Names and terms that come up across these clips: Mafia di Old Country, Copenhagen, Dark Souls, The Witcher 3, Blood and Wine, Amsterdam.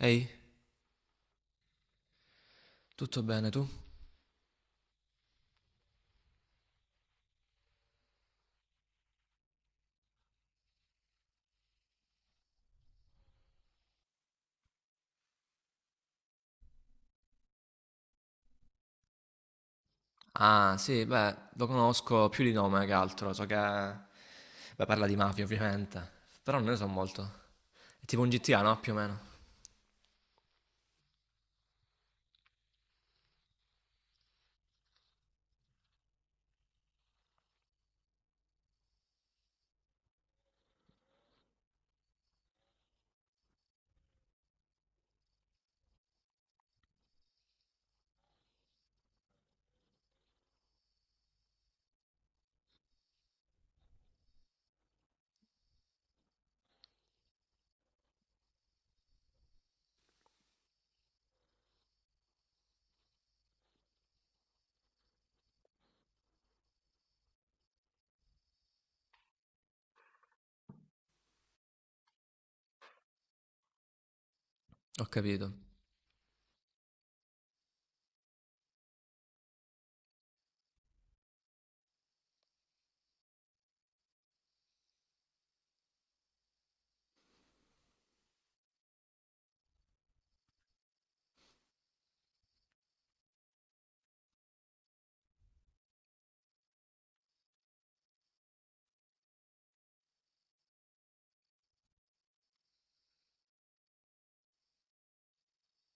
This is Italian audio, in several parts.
Ehi, tutto bene tu? Ah, sì, beh, lo conosco più di nome che altro, so che. Beh, parla di mafia ovviamente, però non ne so molto. È tipo un GTA, no? Più o meno. Ho capito.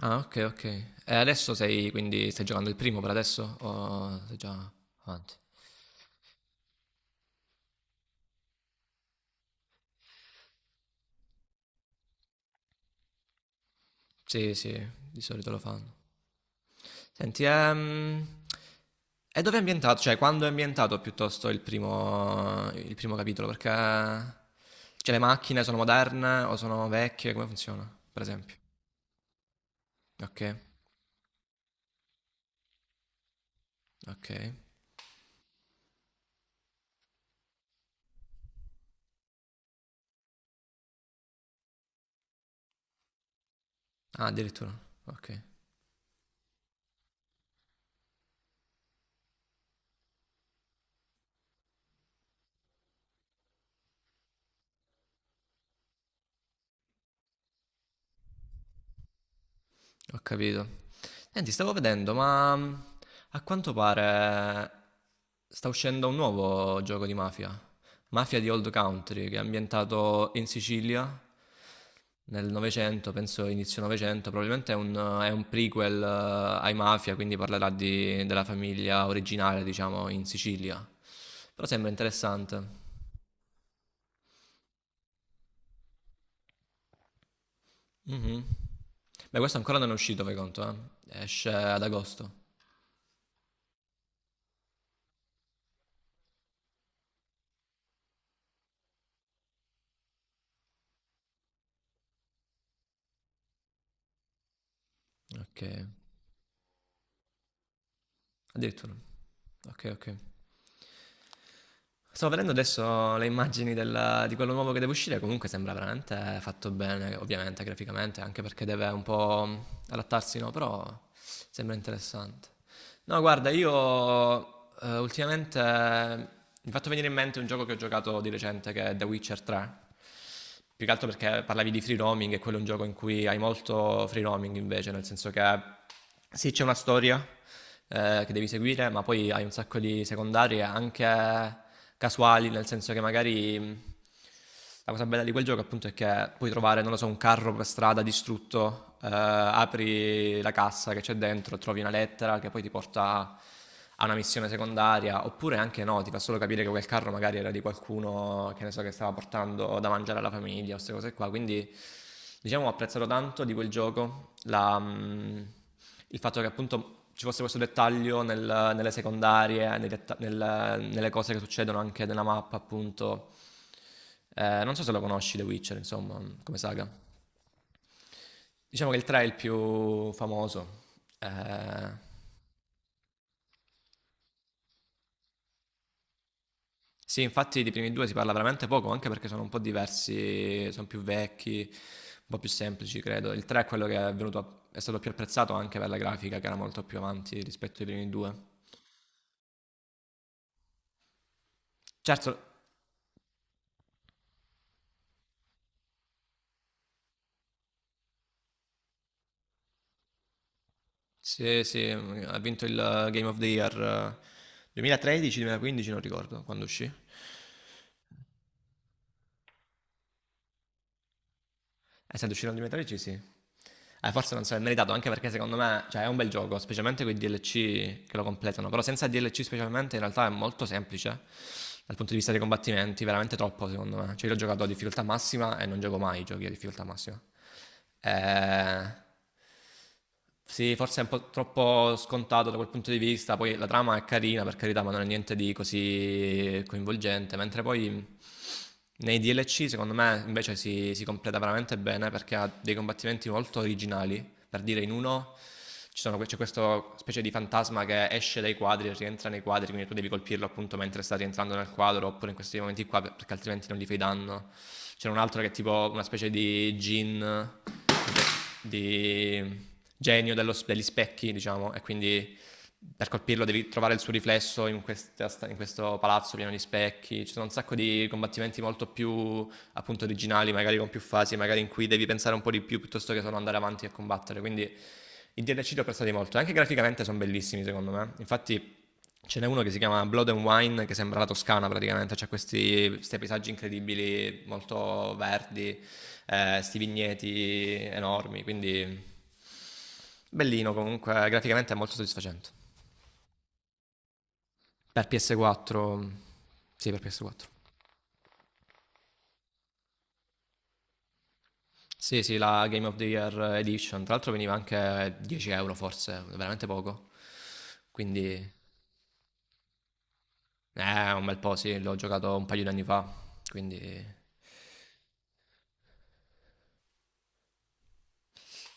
Ah, ok, ok. E adesso sei, quindi stai giocando il primo per adesso? O sei già avanti? Sì, sì, di solito lo fanno. Senti, e dove è ambientato? Cioè, quando è ambientato piuttosto il primo capitolo? Perché cioè, le macchine sono moderne o sono vecchie? Come funziona, per esempio? Ok, ok. Ah, addirittura, ok. Ho capito. Senti, stavo vedendo, a quanto pare sta uscendo un nuovo gioco di mafia. Mafia di Old Country, che è ambientato in Sicilia nel Novecento, penso inizio Novecento. Probabilmente è un prequel ai Mafia, quindi parlerà della famiglia originale, diciamo, in Sicilia. Però sembra interessante. Mhm. Beh, questo ancora non è uscito, fai conto, eh. Esce ad agosto. Ok. Addirittura. Ok, ok. Sto vedendo adesso le immagini di quello nuovo che deve uscire, comunque sembra veramente fatto bene, ovviamente graficamente, anche perché deve un po' adattarsi, no? Però sembra interessante. No, guarda, io ultimamente mi è fatto venire in mente un gioco che ho giocato di recente che è The Witcher 3, più che altro perché parlavi di free roaming e quello è un gioco in cui hai molto free roaming invece, nel senso che sì, c'è una storia che devi seguire, ma poi hai un sacco di secondarie anche casuali, nel senso che magari la cosa bella di quel gioco appunto è che puoi trovare, non lo so, un carro per strada distrutto, apri la cassa che c'è dentro, trovi una lettera che poi ti porta ha una missione secondaria, oppure anche no, ti fa solo capire che quel carro magari era di qualcuno che ne so che stava portando da mangiare alla famiglia o queste cose qua. Quindi diciamo ho apprezzato tanto di quel gioco il fatto che appunto ci fosse questo dettaglio nelle secondarie, nei nelle cose che succedono anche nella mappa, appunto. Non so se lo conosci The Witcher, insomma, come saga. Diciamo che il 3 è il più famoso. Eh, Sì, infatti dei primi due si parla veramente poco, anche perché sono un po' diversi, sono più vecchi, un po' più semplici, credo. Il 3 è quello che è stato più apprezzato anche per la grafica, che era molto più avanti rispetto ai primi due. Certo, sì, sì, ha vinto il Game of the Year 2013-2015, non ricordo quando uscì. Essendo uscito all'alimentare sì. Forse non so, è meritato anche perché secondo me cioè, è un bel gioco, specialmente quei DLC che lo completano. Però senza DLC specialmente in realtà è molto semplice dal punto di vista dei combattimenti, veramente troppo secondo me. Cioè io l'ho giocato a difficoltà massima e non gioco mai i giochi a difficoltà massima. Eh, sì, forse è un po' troppo scontato da quel punto di vista. Poi la trama è carina, per carità, ma non è niente di così coinvolgente. Mentre poi nei DLC, secondo me, invece si completa veramente bene perché ha dei combattimenti molto originali, per dire in uno c'è questa specie di fantasma che esce dai quadri e rientra nei quadri, quindi tu devi colpirlo appunto mentre sta rientrando nel quadro, oppure in questi momenti qua, perché altrimenti non gli fai danno. C'era un altro che è tipo una specie di genio degli specchi, diciamo, e quindi per colpirlo devi trovare il suo riflesso in questo palazzo pieno di specchi. Ci sono un sacco di combattimenti molto più appunto originali, magari con più fasi, magari in cui devi pensare un po' di più piuttosto che solo andare avanti e combattere. Quindi i DLC li ho apprezzati molto. Anche graficamente sono bellissimi, secondo me. Infatti, ce n'è uno che si chiama Blood and Wine, che sembra la Toscana praticamente. C'ha questi paesaggi incredibili, molto verdi, questi sti vigneti enormi. Quindi, bellino comunque. Graficamente è molto soddisfacente. Per PS4, sì, per PS4. Sì, sì, la Game of the Year Edition. Tra l'altro veniva anche 10 euro forse, veramente poco. Quindi, un bel po', sì, l'ho giocato un paio di anni fa, quindi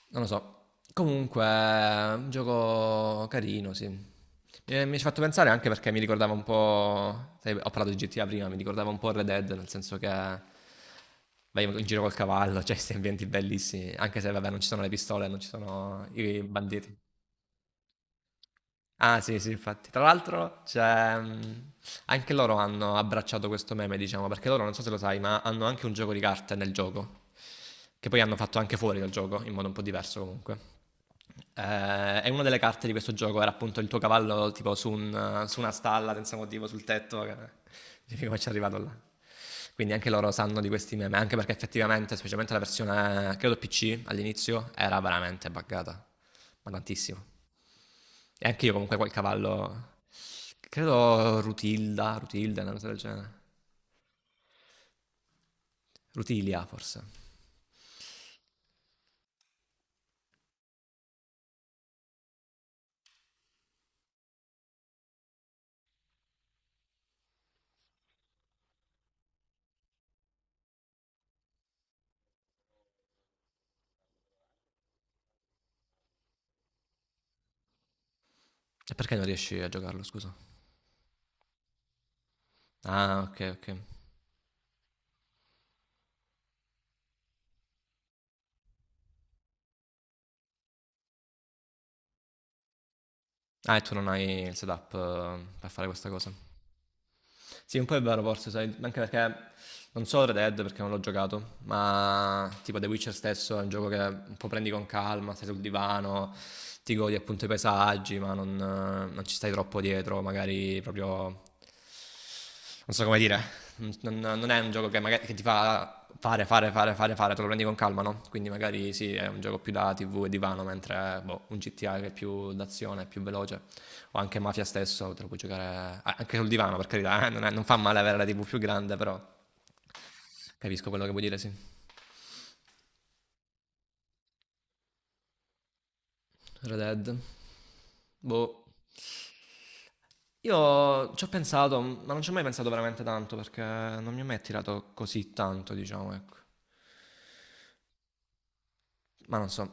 non lo so. Comunque, un gioco carino, sì. Mi ci ha fatto pensare anche perché mi ricordava un po', sai, ho parlato di GTA prima, mi ricordava un po' Red Dead, nel senso che vai in giro col cavallo, cioè questi ambienti bellissimi, anche se vabbè non ci sono le pistole, non ci sono i banditi. Ah sì, sì, infatti. Tra l'altro, anche loro hanno abbracciato questo meme, diciamo, perché loro, non so se lo sai, ma hanno anche un gioco di carte nel gioco, che poi hanno fatto anche fuori dal gioco, in modo un po' diverso comunque. E una delle carte di questo gioco era appunto il tuo cavallo tipo su una stalla senza motivo, sul tetto, che dici: "Come c'è arrivato là?" Quindi anche loro sanno di questi meme, anche perché effettivamente, specialmente la versione credo PC all'inizio, era veramente buggata, ma tantissimo. E anche io comunque quel cavallo. Credo Rutilda, Rutilda, una cosa del genere. Rutilia, forse. E perché non riesci a giocarlo, scusa? Ah, ok, ok. Ah, e tu non hai il setup per fare questa cosa. Sì, un po' è vero forse, sai, anche perché non so Red Dead perché non l'ho giocato, ma tipo The Witcher stesso è un gioco che un po' prendi con calma, stai sul divano, ti godi appunto i paesaggi, ma non ci stai troppo dietro, magari proprio. Non so come dire, non è un gioco che magari che ti fa fare, fare, fare, fare, fare, te lo prendi con calma, no? Quindi magari sì, è un gioco più da TV e divano, mentre boh, un GTA che è più d'azione, è più veloce, o anche Mafia stesso, te lo puoi giocare anche sul divano, per carità, non fa male avere la TV più grande, però capisco quello che vuoi dire, sì. Red Dead. Boh. Io ci ho pensato, ma non ci ho mai pensato veramente tanto, perché non mi ha mai attirato così tanto, diciamo, ecco. Ma non so.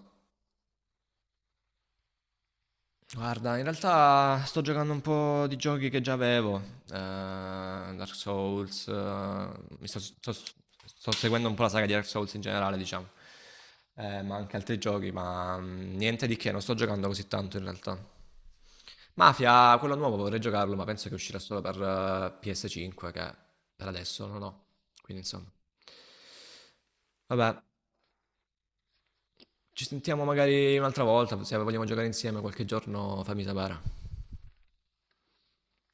Guarda, in realtà sto giocando un po' di giochi che già avevo, Dark Souls, mi sto seguendo un po' la saga di Dark Souls in generale, diciamo. Ma anche altri giochi, niente di che, non sto giocando così tanto in realtà. Mafia, quello nuovo vorrei giocarlo, ma penso che uscirà solo per PS5, che per adesso non ho, quindi insomma. Vabbè, ci sentiamo magari un'altra volta, se vogliamo giocare insieme qualche giorno fammi sapere.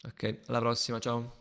Ok, alla prossima, ciao.